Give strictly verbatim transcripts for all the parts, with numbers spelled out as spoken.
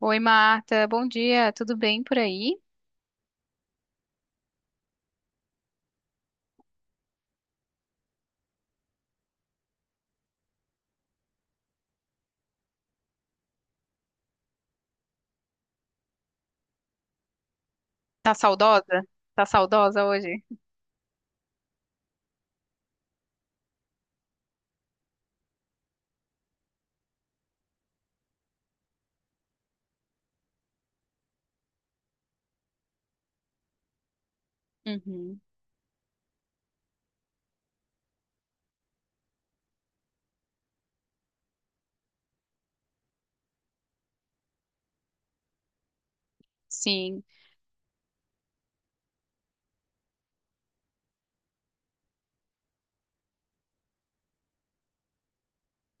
Oi, Marta. Bom dia. Tudo bem por aí? Tá saudosa? Tá saudosa hoje? Uhum. Sim.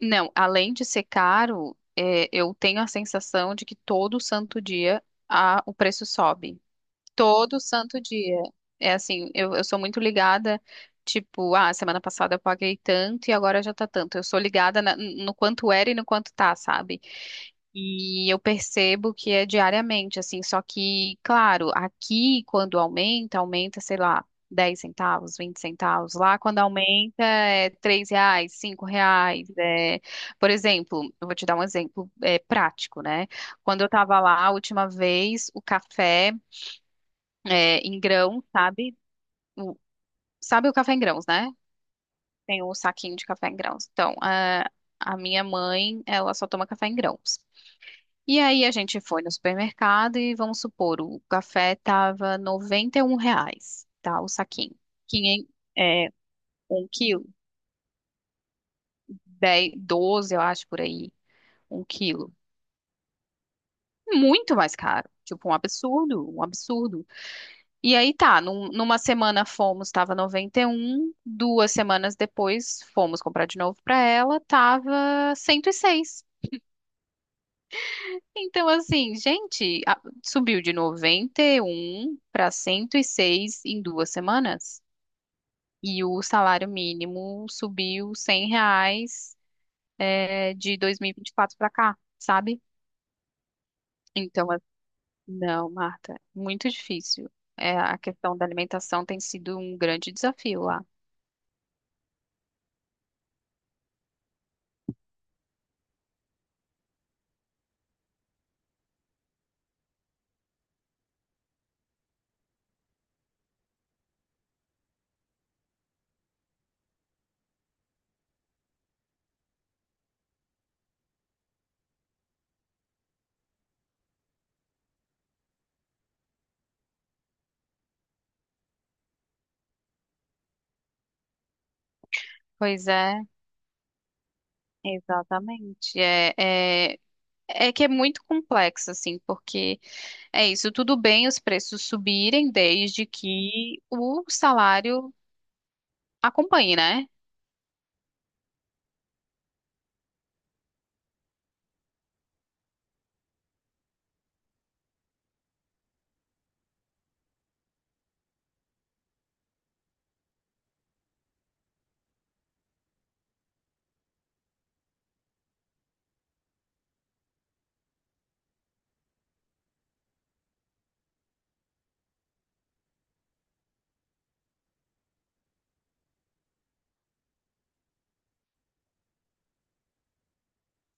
Não, além de ser caro, é, eu tenho a sensação de que todo santo dia a- o preço sobe. Todo santo dia. É assim, eu, eu sou muito ligada, tipo, ah, semana passada eu paguei tanto e agora já tá tanto. Eu sou ligada na- no quanto era e no quanto tá, sabe? E eu percebo que é diariamente, assim, só que, claro, aqui quando aumenta, aumenta, sei lá, dez centavos, vinte centavos. Lá quando aumenta é três reais, cinco reais. É... Por exemplo, eu vou te dar um exemplo é, prático, né? Quando eu tava lá a última vez, o café é, em grão, sabe? O- sabe o café em grãos, né? Tem o saquinho de café em grãos. Então, a, a minha mãe, ela só toma café em grãos. E aí a gente foi no supermercado e vamos supor, o café tava noventa e um reais, tá? O saquinho. Quinhen- é, um quilo, dez, doze eu acho, por aí, um quilo. Muito mais caro. Tipo, um absurdo, um absurdo. E aí tá, num- numa semana fomos, tava noventa e um. Duas semanas depois fomos comprar de novo pra ela, tava cento e seis. Então, assim, gente, a- subiu de noventa e um para cento e seis em duas semanas. E o salário mínimo subiu cem reais, é, de dois mil e vinte e quatro pra cá, sabe? Então, a- não, Marta, muito difícil. É, a questão da alimentação tem sido um grande desafio lá. Pois é. Exatamente. É, é, é que é muito complexo, assim, porque é isso, tudo bem os preços subirem desde que o salário acompanhe, né?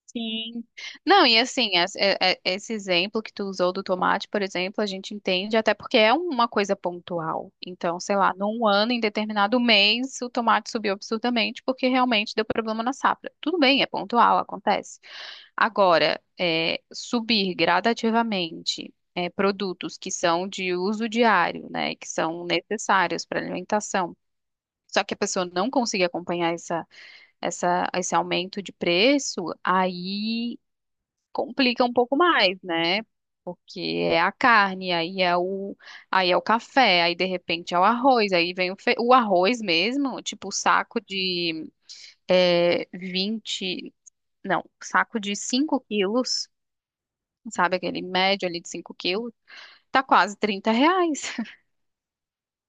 Sim. Não, e assim, as- é- é- esse exemplo que tu usou do tomate, por exemplo, a gente entende até porque é uma coisa pontual. Então, sei lá, num ano, em determinado mês, o tomate subiu absurdamente porque realmente deu problema na safra. Tudo bem, é pontual, acontece. Agora, é, subir gradativamente é, produtos que são de uso diário, né, que são necessários para alimentação. Só que a pessoa não conseguir acompanhar essa, essa, esse aumento de preço, aí complica um pouco mais, né? Porque é a carne, aí é o, aí é o café, aí de repente é o arroz, aí vem o, fe- o arroz mesmo, tipo o saco de é, vinte, não, saco de cinco quilos, sabe? Aquele médio ali de cinco quilos. Tá quase trinta reais.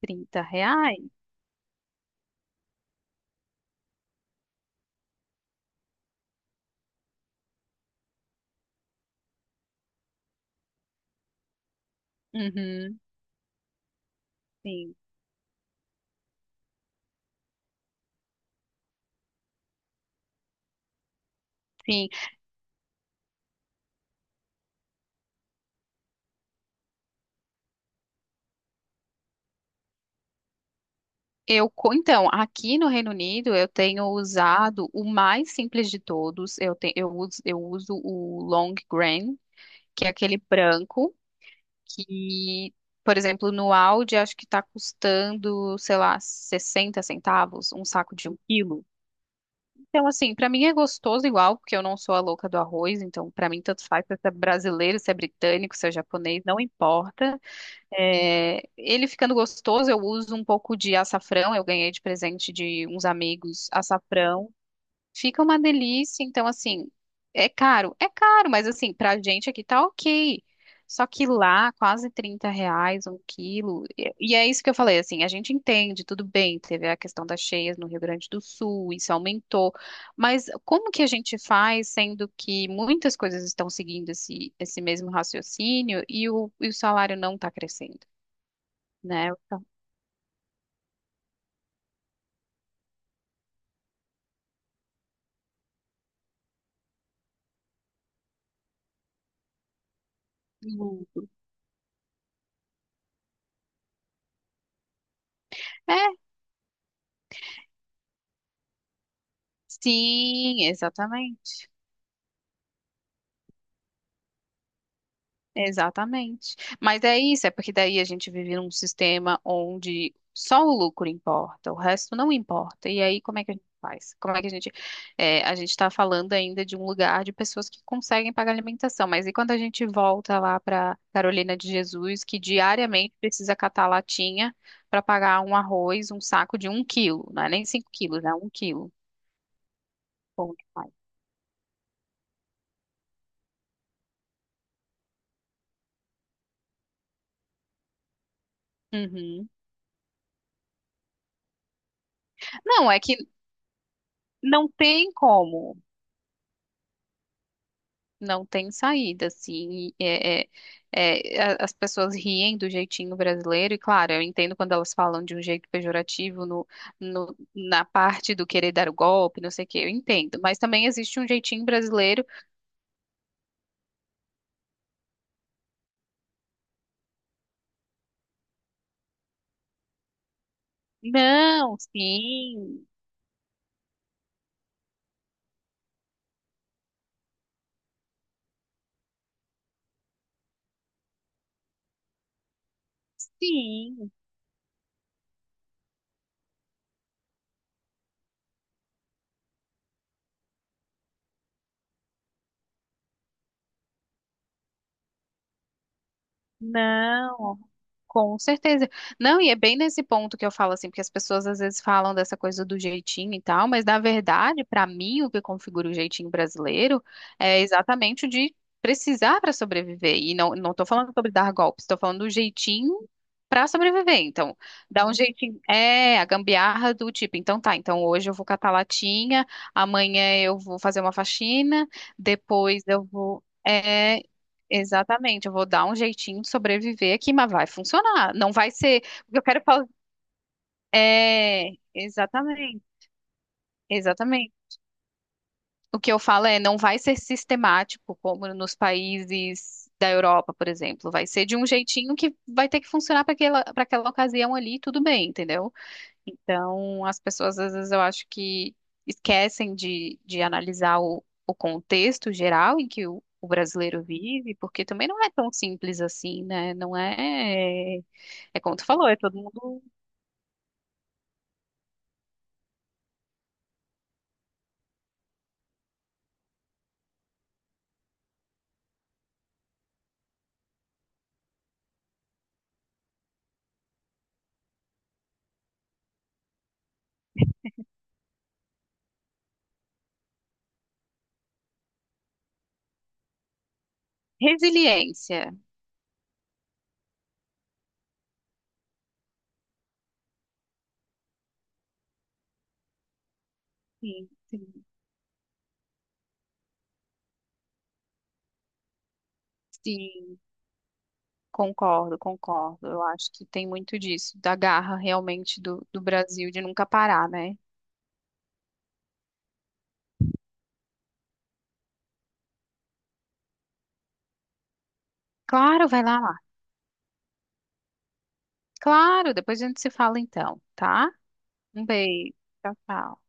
Trinta reais? Uhum, sim. Sim, eu, co- então, aqui no Reino Unido eu tenho usado o mais simples de todos. Eu, te, eu, uso, eu uso o Long Grain, que é aquele branco, que, por exemplo, no Aldi acho que tá custando, sei lá, sessenta centavos, um saco de um quilo. Então, assim, pra mim é gostoso igual, porque eu não sou a louca do arroz, então pra mim tanto faz se é brasileiro, se é britânico, se é japonês, não importa. É, ele ficando gostoso, eu uso um pouco de açafrão, eu ganhei de presente de uns amigos açafrão. Fica uma delícia. Então, assim, é caro. É caro, mas assim, pra gente aqui tá ok. Só que lá, quase trinta reais um quilo. E e é isso que eu falei, assim, a gente entende, tudo bem. Teve a questão das cheias no Rio Grande do Sul, isso aumentou. Mas como que a gente faz, sendo que muitas coisas estão seguindo esse, esse mesmo raciocínio e o, e o salário não está crescendo, né? Então, Hum. É, sim, exatamente. Exatamente. Mas é isso, é porque daí a gente vive num sistema onde só o lucro importa, o resto não importa. E aí, como é que a gente faz? Como é que a gente. É, a gente está falando ainda de um lugar de pessoas que conseguem pagar alimentação, mas e quando a gente volta lá para Carolina de Jesus, que diariamente precisa catar latinha para pagar um arroz, um saco de um quilo, não é nem cinco quilos, né? Um quilo. Bom demais. Uhum. Não, é que não tem como. Não tem saída, assim. E É, é- é, a- as pessoas riem do jeitinho brasileiro, e claro, eu entendo quando elas falam de um jeito pejorativo no, no- na parte do querer dar o golpe, não sei o quê, eu entendo. Mas também existe um jeitinho brasileiro. Não, sim, sim. Não, com certeza. Não, e é bem nesse ponto que eu falo assim, porque as pessoas às vezes falam dessa coisa do jeitinho e tal, mas na verdade, para mim, o que configura o jeitinho brasileiro é exatamente o de precisar para sobreviver. E não, não tô falando sobre dar golpes, estou falando do jeitinho para sobreviver. Então, dá um jeitinho, é a gambiarra do tipo, então tá, então hoje eu vou catar latinha, amanhã eu vou fazer uma faxina, depois eu vou. É, exatamente, eu vou dar um jeitinho de sobreviver aqui, mas vai funcionar. Não vai ser. O que eu quero falar. É, exatamente, exatamente. O que eu falo é, não vai ser sistemático, como nos países da Europa, por exemplo. Vai ser de um jeitinho que vai ter que funcionar para aquela, para aquela ocasião ali, tudo bem, entendeu? Então, as pessoas, às vezes, eu acho que esquecem de, de analisar o, o contexto geral em que o, o brasileiro vive, porque também não é tão simples assim, né? Não é. É como tu falou, é todo mundo. Resiliência. Sim, sim, sim, concordo, concordo. Eu acho que tem muito disso, da garra realmente do, do Brasil de nunca parar, né? Claro, vai lá, Mar. Claro, depois a gente se fala então, tá? Um beijo. Tchau, tchau.